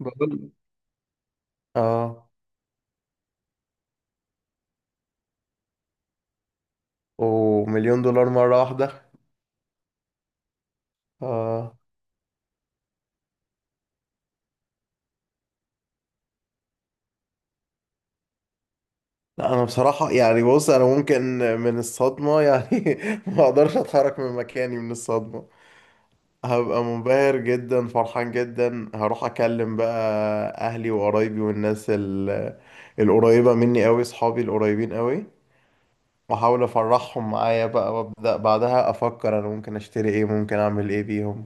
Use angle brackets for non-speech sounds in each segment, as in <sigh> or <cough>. بقول اه. ومليون دولار مرة واحدة؟ اه لا انا بصراحة يعني بص، انا ممكن من الصدمة يعني <laughs> ما اقدرش اتحرك من مكاني من الصدمة. هبقى منبهر جدا، فرحان جدا، هروح اكلم بقى اهلي وقرايبي والناس القريبة مني قوي، صحابي القريبين قوي، واحاول افرحهم معايا بقى، وابدا بعدها افكر انا ممكن اشتري ايه، ممكن اعمل ايه بيهم.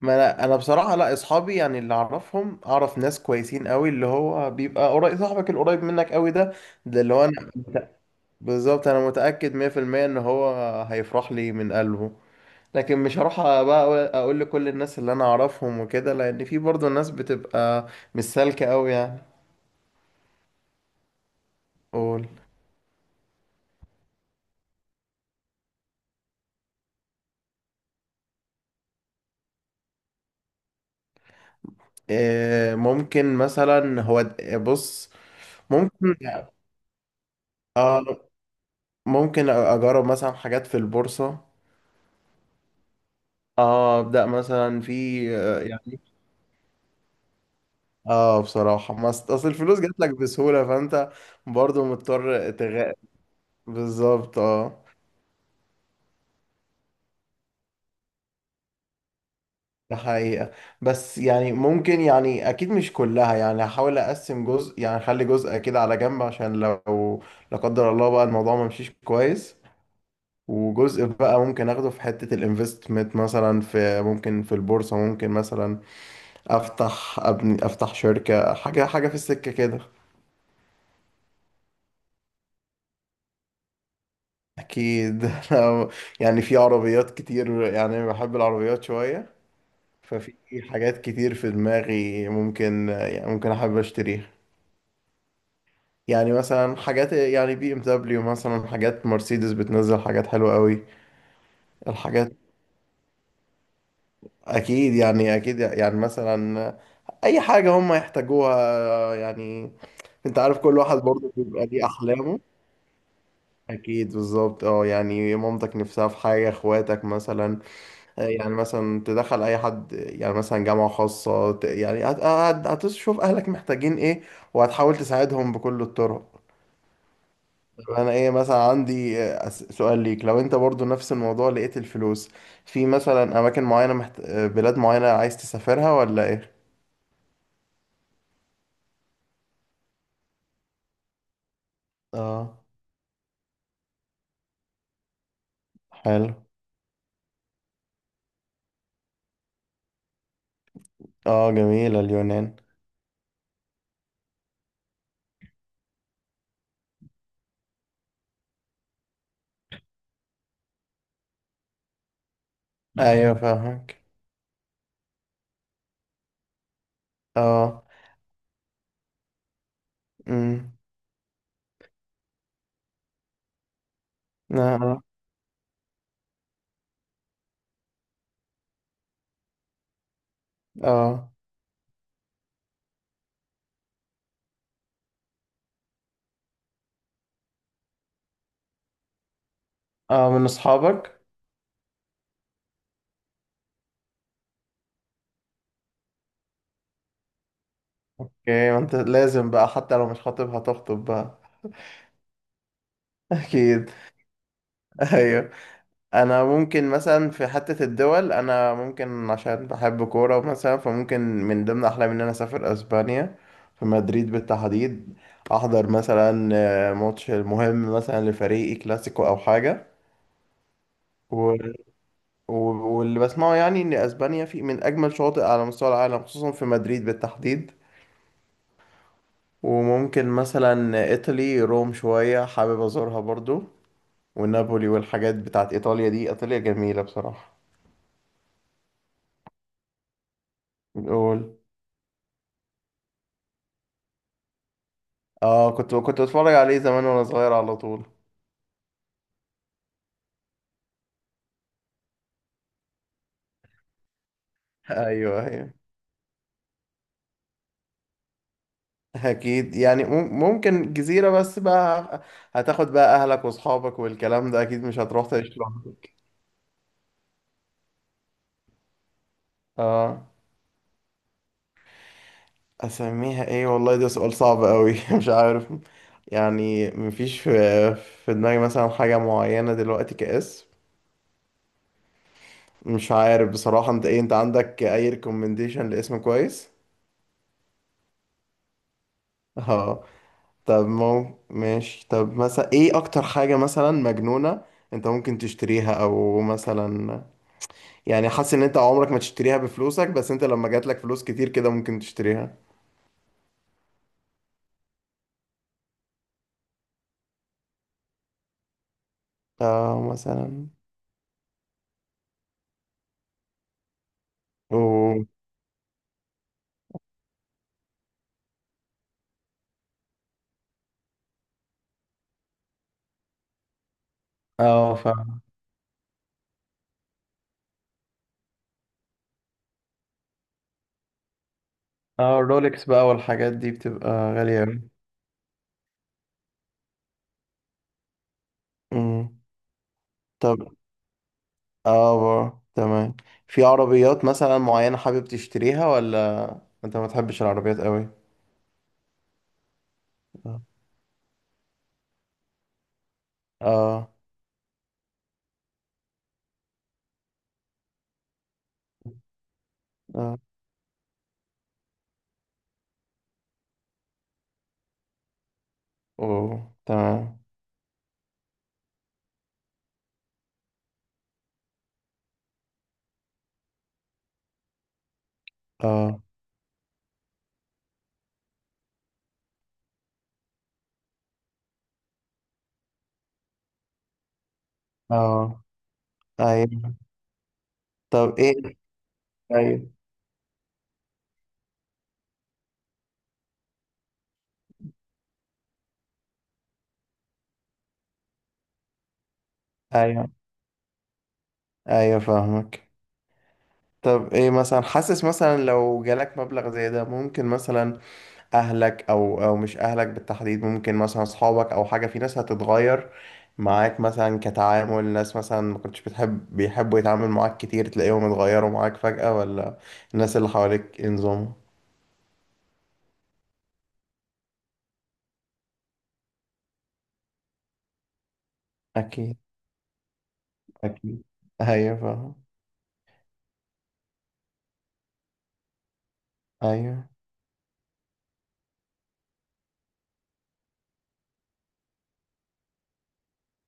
ما انا بصراحه، لا اصحابي يعني اللي اعرفهم، اعرف ناس كويسين قوي. اللي هو بيبقى قريب، صاحبك القريب منك قوي ده، ده اللي هو انا بالظبط، انا متاكد 100% ان هو هيفرح لي من قلبه. لكن مش هروح بقى اقول لكل الناس اللي انا اعرفهم وكده، لان في برضه ناس بتبقى مش سالكه قوي يعني. قول. إيه ممكن مثلا هو بص، ممكن، اه ممكن اجرب مثلا حاجات في البورصه. اه، ابدا مثلا في يعني. اه بصراحة ما است- اصل الفلوس جات لك بسهولة، فانت برضو مضطر بالظبط اه. ده حقيقة، بس يعني ممكن يعني اكيد مش كلها، يعني هحاول اقسم جزء، يعني اخلي جزء كده على جنب عشان لو لا قدر الله بقى الموضوع ما مشيش كويس. وجزء بقى ممكن اخده في حتة الانفستمنت، مثلا في ممكن في البورصة، ممكن مثلا افتح ابني افتح شركة، حاجة حاجة في السكة كده. اكيد <laughs> أنا يعني في عربيات كتير، يعني بحب العربيات شوية. ففي حاجات كتير في دماغي ممكن، يعني ممكن احب اشتريها. يعني مثلا حاجات يعني بي ام دبليو، مثلا حاجات مرسيدس بتنزل حاجات حلوة قوي. الحاجات اكيد يعني، اكيد يعني مثلا اي حاجة هم يحتاجوها يعني. انت عارف كل واحد برضه بيبقى ليه احلامه. اكيد بالظبط اه، يعني مامتك نفسها في حاجة، اخواتك مثلا، يعني مثلا تدخل اي حد يعني مثلا جامعة خاصة، يعني هتشوف اهلك محتاجين ايه، وهتحاول تساعدهم بكل الطرق. طب انا ايه، مثلا عندي سؤال ليك، لو انت برضو نفس الموضوع لقيت الفلوس، في مثلا اماكن معينة بلاد معينة عايز تسافرها ولا ايه؟ اه حلو. اه جميلة اليونان. ايوه <laughs> فاهمك. اه. امم. اه. اه. اه من اصحابك. اوكي، ما انت لازم بقى حتى لو مش خاطب هتخطب بقى. <laughs> اكيد. <laughs> ايوه. انا ممكن مثلا في حتة الدول، انا ممكن عشان بحب كورة مثلا، فممكن من ضمن احلامي ان انا اسافر اسبانيا، في مدريد بالتحديد، احضر مثلا ماتش مهم مثلا لفريقي، كلاسيكو او حاجة. و... و... واللي بسمعه يعني ان اسبانيا في من اجمل شواطئ على مستوى العالم، خصوصا في مدريد بالتحديد. وممكن مثلا ايطالي، روم شوية حابب ازورها برضو، ونابولي والحاجات بتاعت ايطاليا دي. ايطاليا جميلة بصراحة. قول. اه كنت بتفرج عليه زمان وانا صغير على طول. ايوه ايوه. اكيد يعني ممكن جزيرة بس بقى، هتاخد بقى اهلك واصحابك والكلام ده، اكيد مش هتروح تعيش لوحدك. اه. اسميها ايه؟ والله ده سؤال صعب قوي <laughs> مش عارف. يعني مفيش في في دماغي مثلا حاجة معينة دلوقتي كاسم. مش عارف بصراحة، انت ايه، انت عندك اي ريكومنديشن لاسم كويس؟ اه. طب مو ماشي. طب مثلا ايه اكتر حاجة مثلا مجنونة انت ممكن تشتريها، او مثلا يعني حاسس ان انت عمرك ما تشتريها بفلوسك، بس انت لما جات لك فلوس كتير كده ممكن تشتريها؟ اه مثلا. اوه. اه فاهم. اه الرولكس بقى والحاجات دي بتبقى غالية أوي. امم. طب اه بقى. تمام. في عربيات مثلا معينة حابب تشتريها، ولا انت ما تحبش العربيات قوي؟ اه. اه. اه. اوه تمام. اه. اه. ايوه. طب ايه. ايوه. ايوه. ايوه فاهمك. طب ايه مثلا، حاسس مثلا لو جالك مبلغ زي ده ممكن مثلا اهلك او او مش اهلك بالتحديد، ممكن مثلا اصحابك، او حاجه، في ناس هتتغير معاك مثلا؟ كتعامل ناس مثلا ما كنتش بتحب بيحبوا يتعامل معاك كتير، تلاقيهم اتغيروا معاك فجأة، ولا الناس اللي حواليك انظموا؟ اكيد. اكيد. ايوه فاهم. ايوه.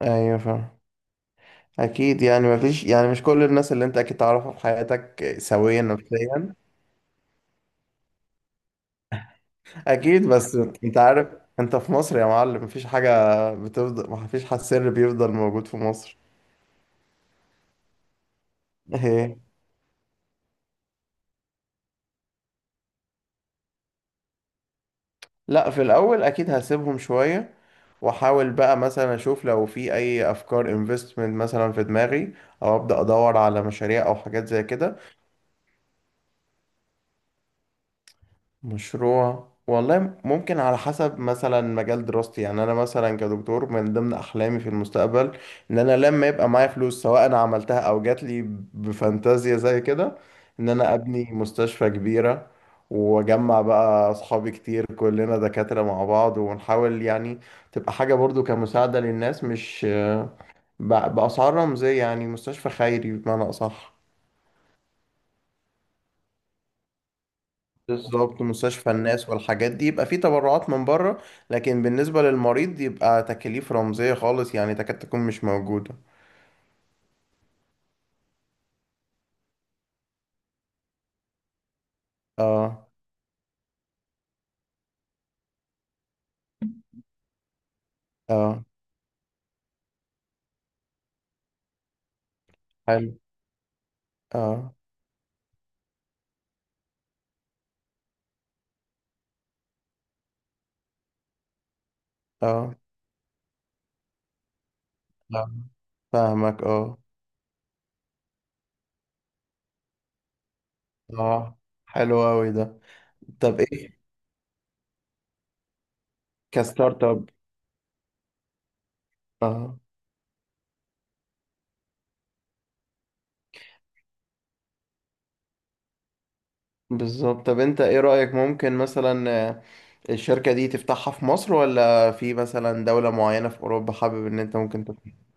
ايوه فاهم. اكيد يعني مفيش، يعني مش كل الناس اللي انت اكيد تعرفها في حياتك سوية نفسيا. اكيد بس انت عارف، انت في مصر يا معلم مفيش حاجه بتفضل، مفيش حد سر بيفضل موجود في مصر. ايه؟ لا في الاول اكيد هسيبهم شويه، واحاول بقى مثلا اشوف لو في اي افكار انفستمنت مثلا في دماغي، او ابدا ادور على مشاريع او حاجات زي كده. مشروع والله ممكن على حسب مثلا مجال دراستي، يعني انا مثلا كدكتور، من ضمن احلامي في المستقبل ان انا لما يبقى معايا فلوس، سواء انا عملتها او جات لي بفانتازيا زي كده، ان انا ابني مستشفى كبيرة، واجمع بقى اصحابي كتير كلنا دكاترة مع بعض، ونحاول يعني تبقى حاجة برضو كمساعدة للناس، مش بأسعار رمزية، يعني مستشفى خيري بمعنى أصح. بالظبط، مستشفى الناس والحاجات دي يبقى في تبرعات من بره، لكن بالنسبة للمريض يبقى تكاليف رمزية خالص يعني تكاد تكون مش موجودة. اه. اه. حلو. اه. اه. آه. فاهمك اه. اه. حلو اوي ده. طب ايه، كستارت اب. اه بالظبط. طب انت ايه رأيك، ممكن مثلا الشركة دي تفتحها في مصر، ولا في مثلا دولة معينة في اوروبا حابب ان انت ممكن تفتحها؟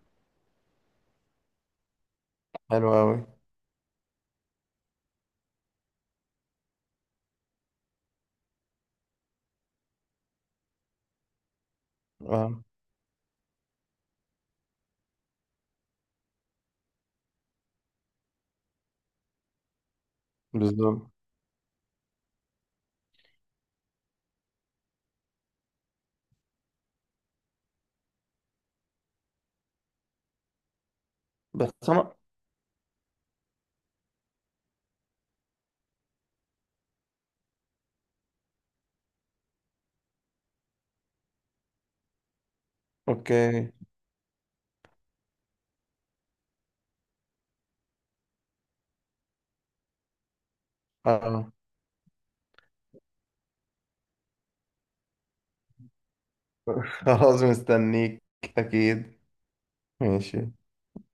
حلو اوي. اه بالظبط. بس انا. اوكي. <laughs> اه. خلاص مستنيك. اكيد. ماشي.